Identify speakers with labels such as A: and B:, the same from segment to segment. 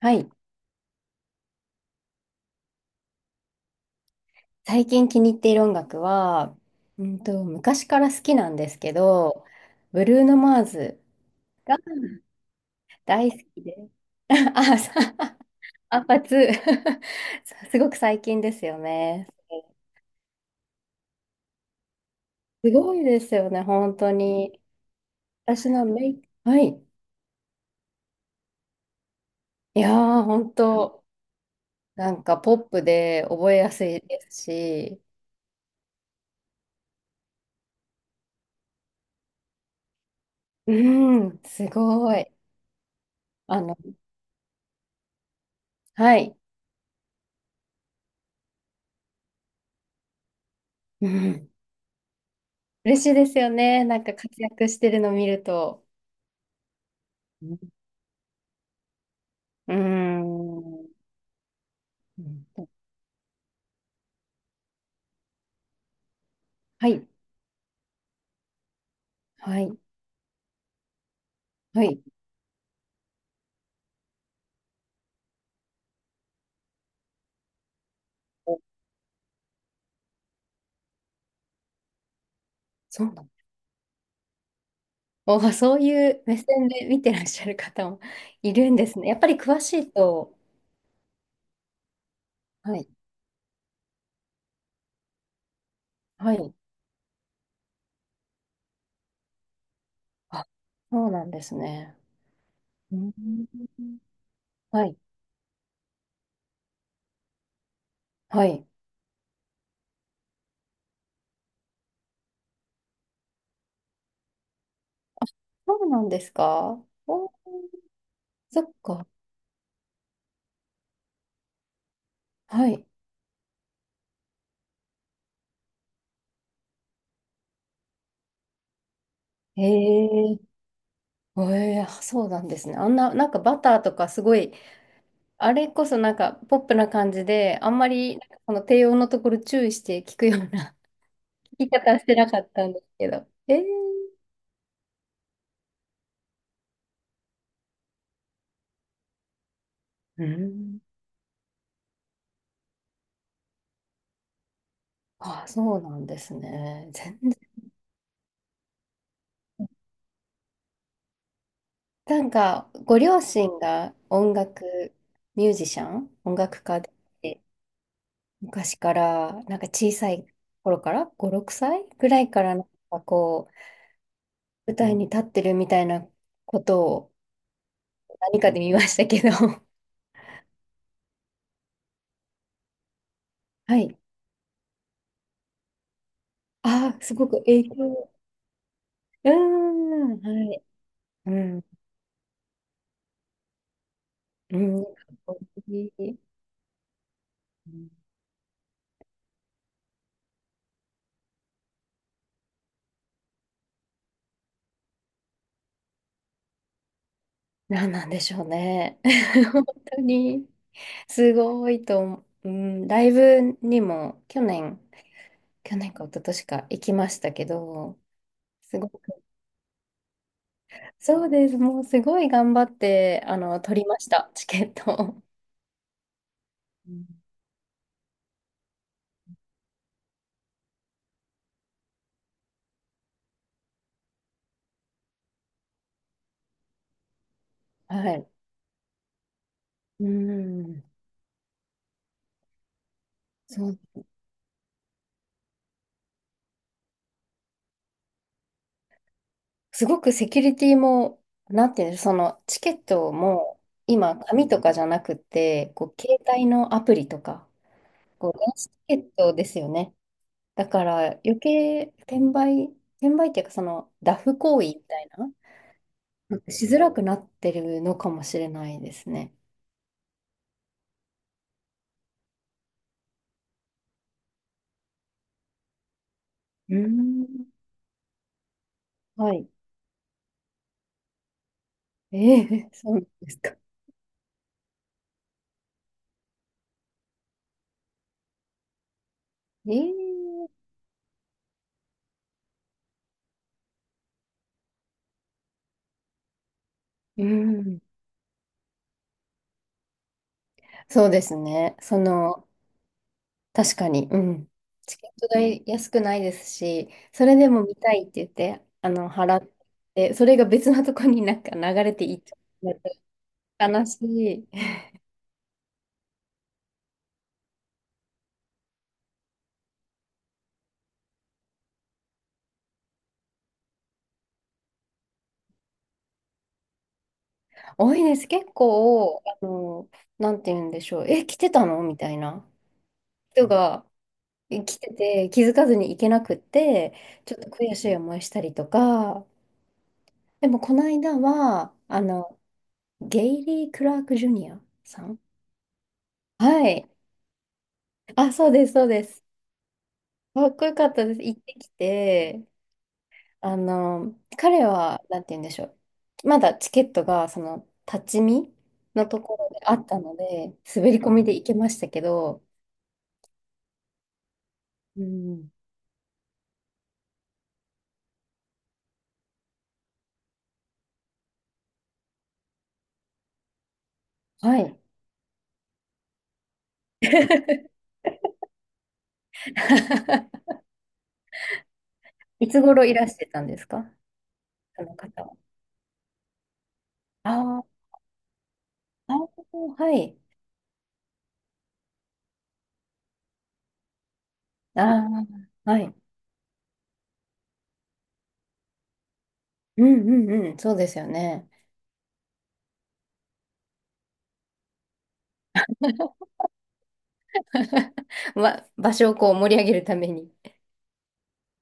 A: はい。最近気に入っている音楽は、昔から好きなんですけど、ブルーノ・マーズ大好きで。あ、アンパツ すごく最近ですよね。すごいですよね、本当に。私のメイ、はい。いやー、本当、なんかポップで覚えやすいですし、うん、すごい。あの、はい。うん、嬉しいですよね、なんか活躍してるの見ると。うーん。うん、はい、はい、はい。お、そうなの。お、そういう目線で見てらっしゃる方もいるんですね。やっぱり詳しいと。はい、はい。あ、そうなんですね。うん、はい、はい。そうなんですか、お、そっか。はい。ええええ、そうなんですね。あんな、なんかバターとかすごい、あれこそなんかポップな感じで、あんまりなんかこの低音のところ注意して聞くような聞き方してなかったんですけど。えー、うん。あ、そうなんですね。全然。なんか、ご両親が音楽ミュージシャン、音楽家で、昔から、なんか小さい頃から、5、6歳ぐらいから、なんかこう、舞台に立ってるみたいなことを何かで見ましたけど。はい。ああ、すごく影響。うーん、はい。うん、うん、かっこいい。うん、なんなんでしょうね。本当に、すごいと思う。うん、ライブにも去年、去年か一昨年か行きましたけど、すごく、そうです。もうすごい頑張って、あの、取りました、チケットを。うん、はい。うん。そう。すごくセキュリティも、なんていうの、そのチケットも、今、紙とかじゃなくて、こう、携帯のアプリとか、こう、電子チケットですよね。だから余計転売、転売っていうかそのダフ行為みたいな、なんかしづらくなってるのかもしれないですね。うーん。はい。ええ、そうなんですか。ええ、うん。そうですね。その、確かに、うん。チケット代安くないですし、それでも見たいって言って、あの、払って、それが別のとこになんか流れていっちゃう。悲しい。多いです。結構、あの、なんて言うんでしょう。え、来てたのみたいな人が、え、来てて、気づかずに行けなくって、ちょっと悔しい思いしたりとか。でも、この間は、あの、ゲイリー・クラーク・ジュニアさん、はい。あ、そうです、そうです。かっこよかったです。行ってきて、あの、彼は、なんて言うんでしょう。まだチケットが、その、立ち見のところであったので、滑り込みで行けましたけど、うん、はい。いつ頃いらしてたんですか、その方は。あー、あー、はい。ああ、はい。うんうんうん、そうですよね。ま、場所をこう盛り上げるために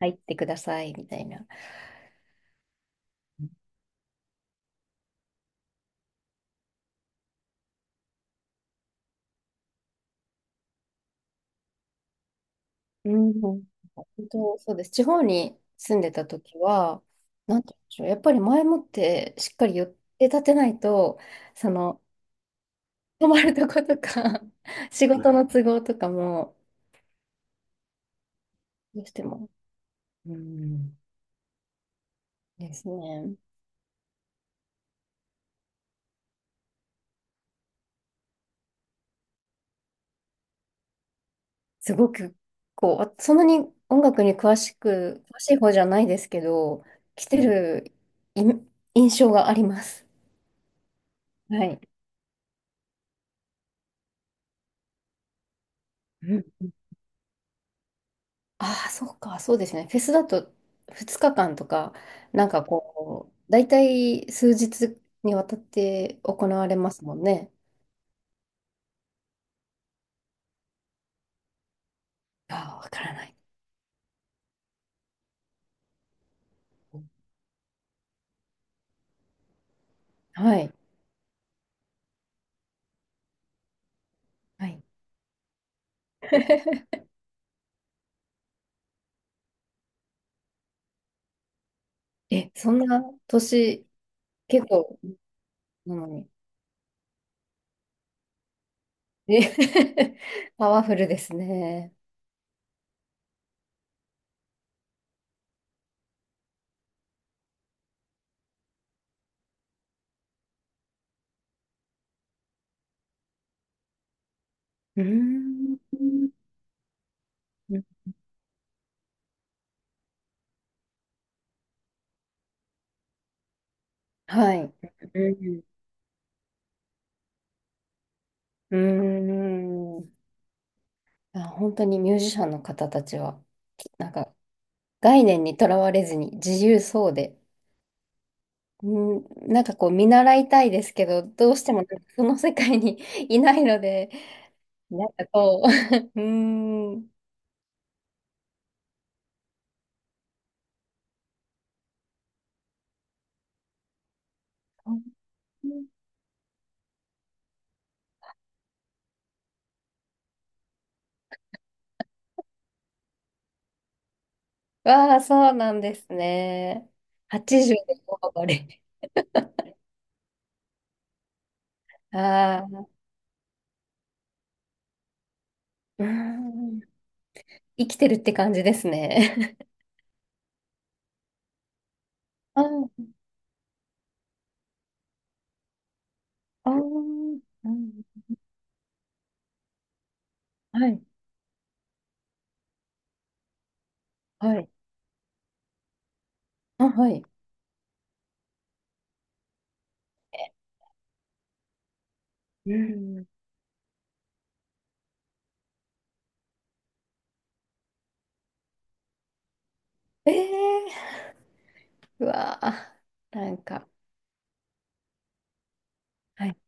A: 入ってくださいみたいな。うん、本当そうです。地方に住んでた時は、なんて言うんでしょう、やっぱり前もってしっかり予定立てないと、その、泊まるとことか、仕事の都合とかも、どうしても、うん、ですね。すごく、こう、あ、そんなに音楽に詳しい方じゃないですけど、来てる印象があります。はい。うんうん、ああ、そうか、そうですね。フェスだと2日間とか、なんかこう、大体数日にわたって行われますもんね。ああ、わからない。はい。はい。え、そんな年、結構なのに。え パワフルですね。うーん。はい。うん。うーん。あ、本当にミュージシャンの方たちは、なんか概念にとらわれずに自由そうで、うん、なんかこう見習いたいですけど、どうしてもなんかその世界に いないので、なんかこう、うーん。わあ、そうなんですね。80で大暴れ。ああ、うーん。生きてるって感じですね。ああ、ああ、うん、はい。はい。あ、はい。うん。ええー、うわー、なんか、はい。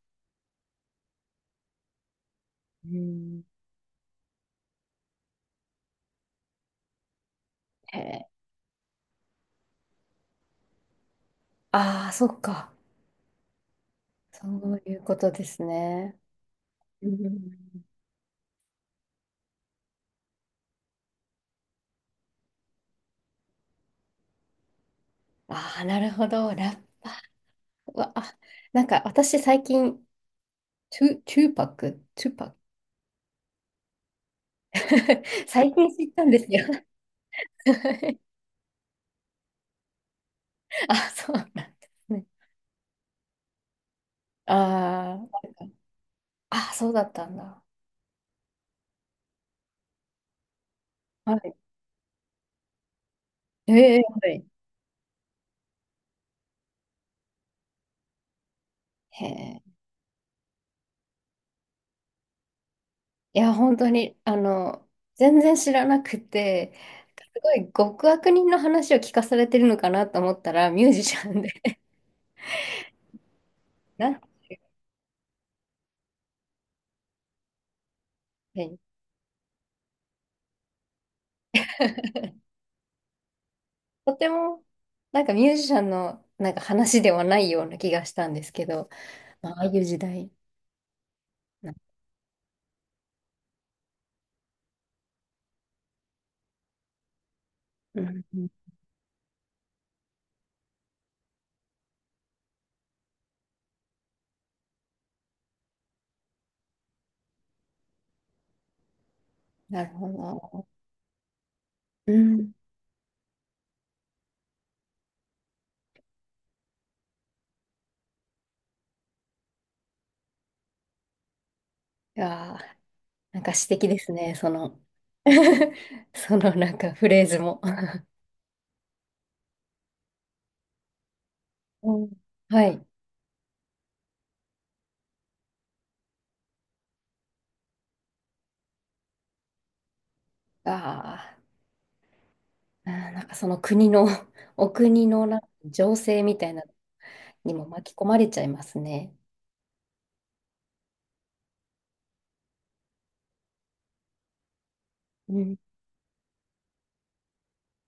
A: うん。へえ、ああ、そっか。そういうことですね。うん。ああ、なるほど。ラッパー。うわあ、なんか私最近、トゥーパック、トゥーパック。最近知ったんですよ。あ、そうなんですね。ああ、あ、そうだったんだ。はい。ええ、はい。へえ。いや、本当に、あの、全然知らなくて、すごい極悪人の話を聞かされてるのかなと思ったら、ミュージシャンで。 なんていうかは、い、とても、なんかミュージシャンのなんか話ではないような気がしたんですけど、まあ、ああいう時代な、うん、うん、なるほど。うん。いやー、なんか詩的ですね、その。 そのなんかフレーズも。うん、はい。ああ。あー、なんかその国の、お国のなんか情勢みたいなのにも巻き込まれちゃいますね。うん。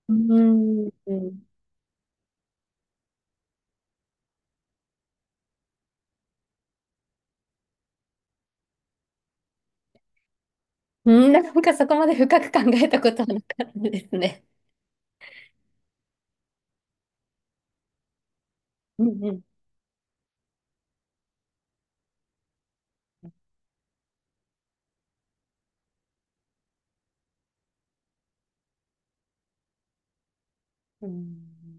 A: うん。うん、なんかそこまで深く考えたことはなかったですね。うんうん。うん